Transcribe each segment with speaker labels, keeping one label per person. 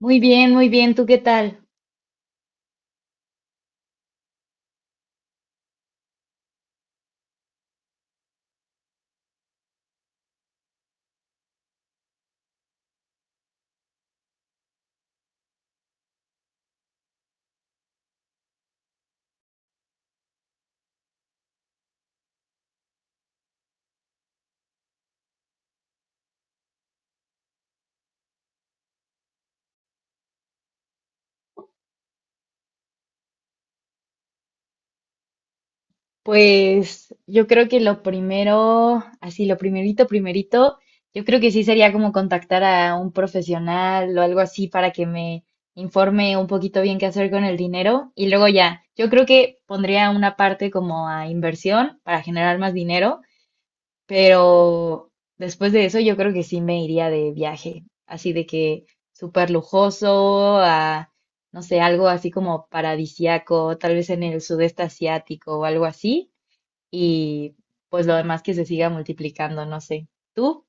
Speaker 1: Muy bien, muy bien. ¿Tú qué tal? Pues yo creo que lo primero, así lo primerito, primerito, yo creo que sí sería como contactar a un profesional o algo así para que me informe un poquito bien qué hacer con el dinero. Y luego ya, yo creo que pondría una parte como a inversión para generar más dinero. Pero después de eso yo creo que sí me iría de viaje, así de que súper lujoso, a, no sé, algo así como paradisiaco, tal vez en el sudeste asiático o algo así, y pues lo demás que se siga multiplicando, no sé. ¿Tú?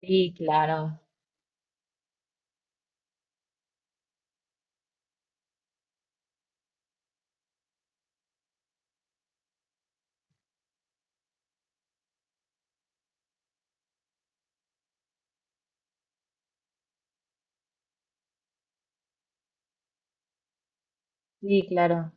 Speaker 1: Sí, claro, sí, claro.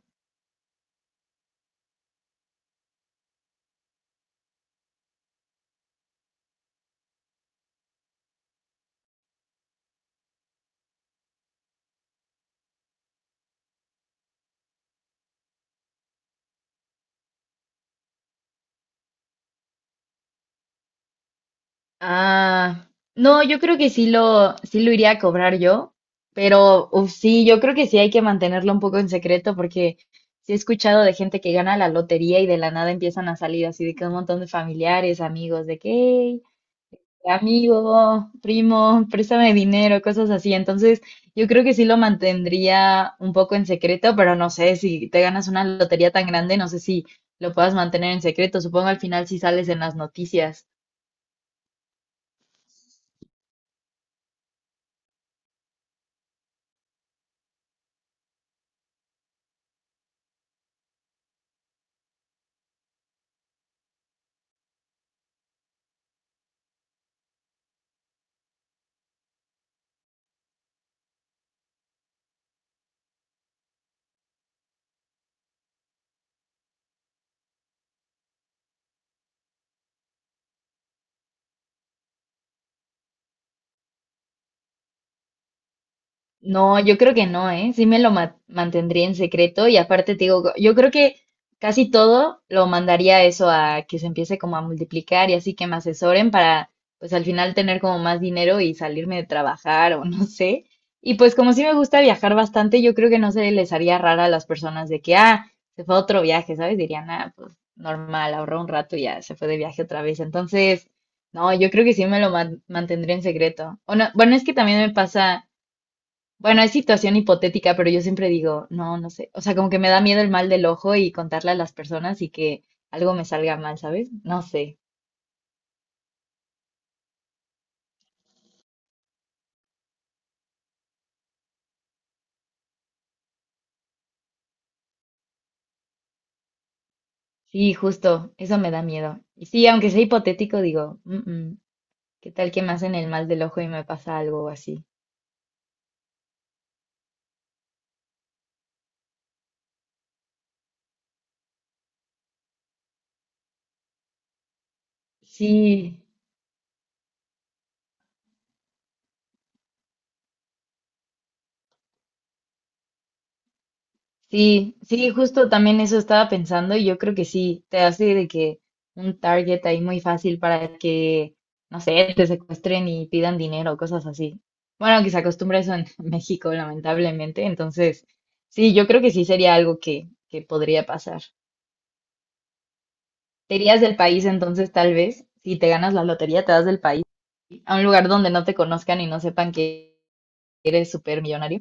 Speaker 1: Ah, no, yo creo que sí lo iría a cobrar yo, pero uf, sí, yo creo que sí hay que mantenerlo un poco en secreto porque sí he escuchado de gente que gana la lotería y de la nada empiezan a salir así de que un montón de familiares, amigos, de que, "Hey, amigo, primo, préstame dinero", cosas así. Entonces, yo creo que sí lo mantendría un poco en secreto, pero no sé si te ganas una lotería tan grande, no sé si lo puedas mantener en secreto. Supongo al final si sales en las noticias. No, yo creo que no, ¿eh? Sí me lo mantendría en secreto, y aparte te digo, yo creo que casi todo lo mandaría eso a que se empiece como a multiplicar y así que me asesoren para pues al final tener como más dinero y salirme de trabajar o no sé. Y pues como sí me gusta viajar bastante, yo creo que no se les haría rara a las personas de que, ah, se fue a otro viaje, ¿sabes? Dirían, ah, pues normal, ahorró un rato y ya se fue de viaje otra vez. Entonces, no, yo creo que sí me lo mantendría en secreto. O no- Bueno, es que también me pasa, bueno, es situación hipotética, pero yo siempre digo, no, no sé. O sea, como que me da miedo el mal del ojo y contarle a las personas y que algo me salga mal, ¿sabes? No sé. Sí, justo, eso me da miedo. Y sí, aunque sea hipotético, digo, "Mm, mm, ¿qué tal que me hacen el mal del ojo y me pasa algo así?" Sí. Sí, sí, justo también eso estaba pensando, y yo creo que sí, te hace de que un target ahí muy fácil para que, no sé, te secuestren y pidan dinero, cosas así. Bueno, que se acostumbra eso en México, lamentablemente. Entonces, sí, yo creo que sí sería algo que podría pasar. ¿Te irías del país entonces, tal vez? Si te ganas la lotería, te vas del país a un lugar donde no te conozcan y no sepan que eres súper millonario.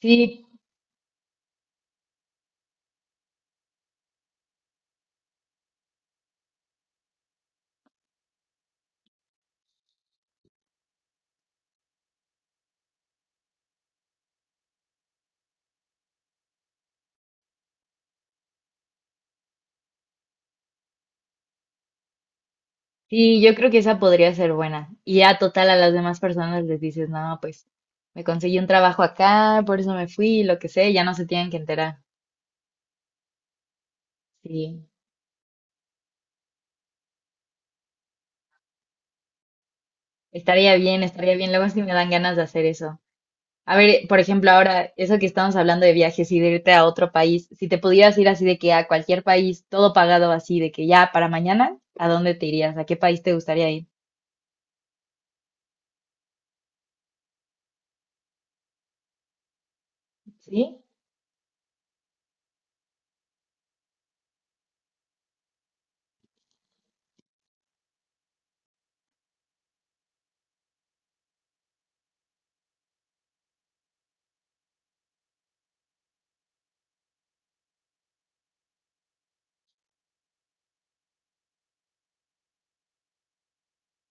Speaker 1: Sí, sí, yo creo que esa podría ser buena. Y ya total a las demás personas les dices, no, pues me conseguí un trabajo acá, por eso me fui, lo que sé, ya no se tienen que enterar. Sí, estaría bien, estaría bien. Luego sí me dan ganas de hacer eso. A ver, por ejemplo, ahora, eso que estamos hablando de viajes y de irte a otro país, si te pudieras ir así de que a cualquier país, todo pagado así, de que ya para mañana, ¿a dónde te irías? ¿A qué país te gustaría ir? Sí.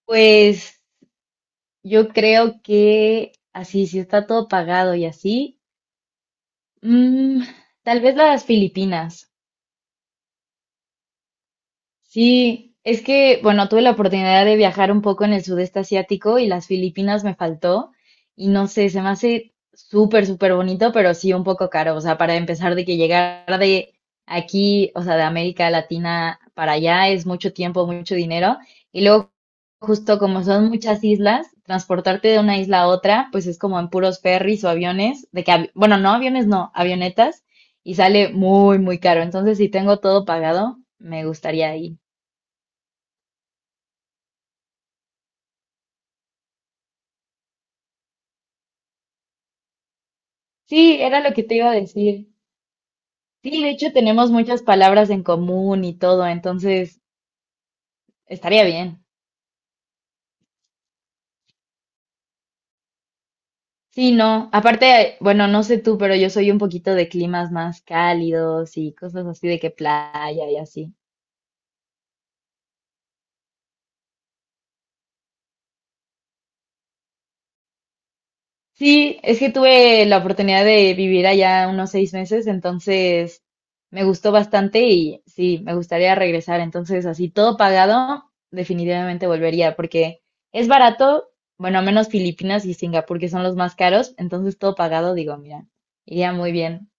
Speaker 1: Pues yo creo que así, si está todo pagado y así. Mm, tal vez las Filipinas. Sí, es que, bueno, tuve la oportunidad de viajar un poco en el sudeste asiático y las Filipinas me faltó. Y no sé, se me hace súper, súper bonito, pero sí un poco caro. O sea, para empezar de que llegar de aquí, o sea, de América Latina para allá es mucho tiempo, mucho dinero. Y luego, justo como son muchas islas, transportarte de una isla a otra, pues es como en puros ferries o aviones, de que, bueno, no aviones, no, avionetas, y sale muy, muy caro. Entonces, si tengo todo pagado, me gustaría ir. Sí, era lo que te iba a decir. Sí, de hecho tenemos muchas palabras en común y todo, entonces estaría bien. Sí, no, aparte, bueno, no sé tú, pero yo soy un poquito de climas más cálidos y cosas así de que playa y así. Sí, es que tuve la oportunidad de vivir allá unos 6 meses, entonces me gustó bastante y sí, me gustaría regresar. Entonces, así todo pagado, definitivamente volvería porque es barato, bueno, menos Filipinas y Singapur, que son los más caros, entonces todo pagado, digo, mira, iría muy bien.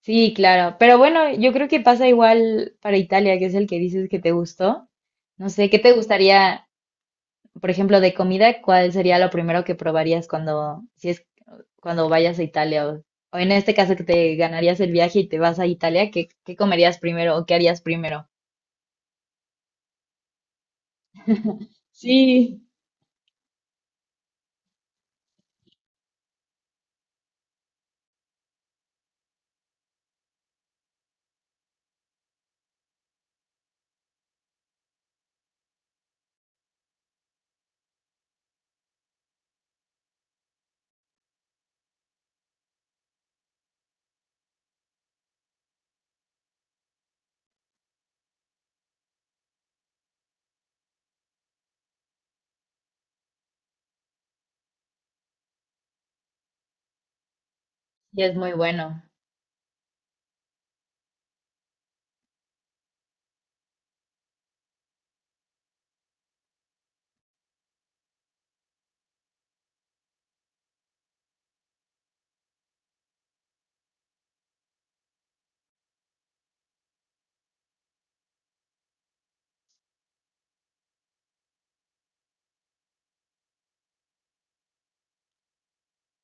Speaker 1: Sí, claro, pero bueno, yo creo que pasa igual para Italia, que es el que dices que te gustó. No sé, ¿qué te gustaría, por ejemplo, de comida? ¿Cuál sería lo primero que probarías cuando, si es cuando vayas a Italia, o en este caso que te ganarías el viaje y te vas a Italia, ¿qué, qué comerías primero o qué harías primero? Sí. Y es muy bueno.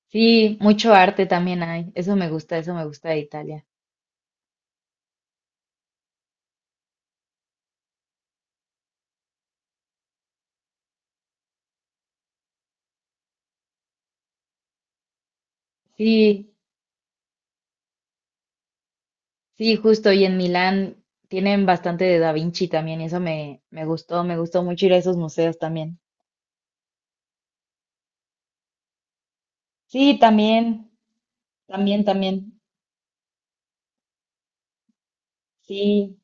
Speaker 1: Sí, mucho arte también hay. Eso me gusta de Italia. Sí, sí, justo. Y en Milán tienen bastante de Da Vinci también. Y eso me, me gustó mucho ir a esos museos también. Sí, también, también, también. Sí.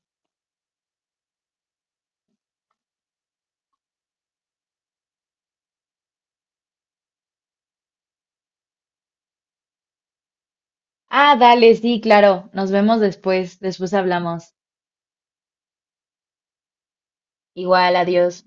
Speaker 1: Ah, dale, sí, claro. Nos vemos después, después hablamos. Igual, adiós.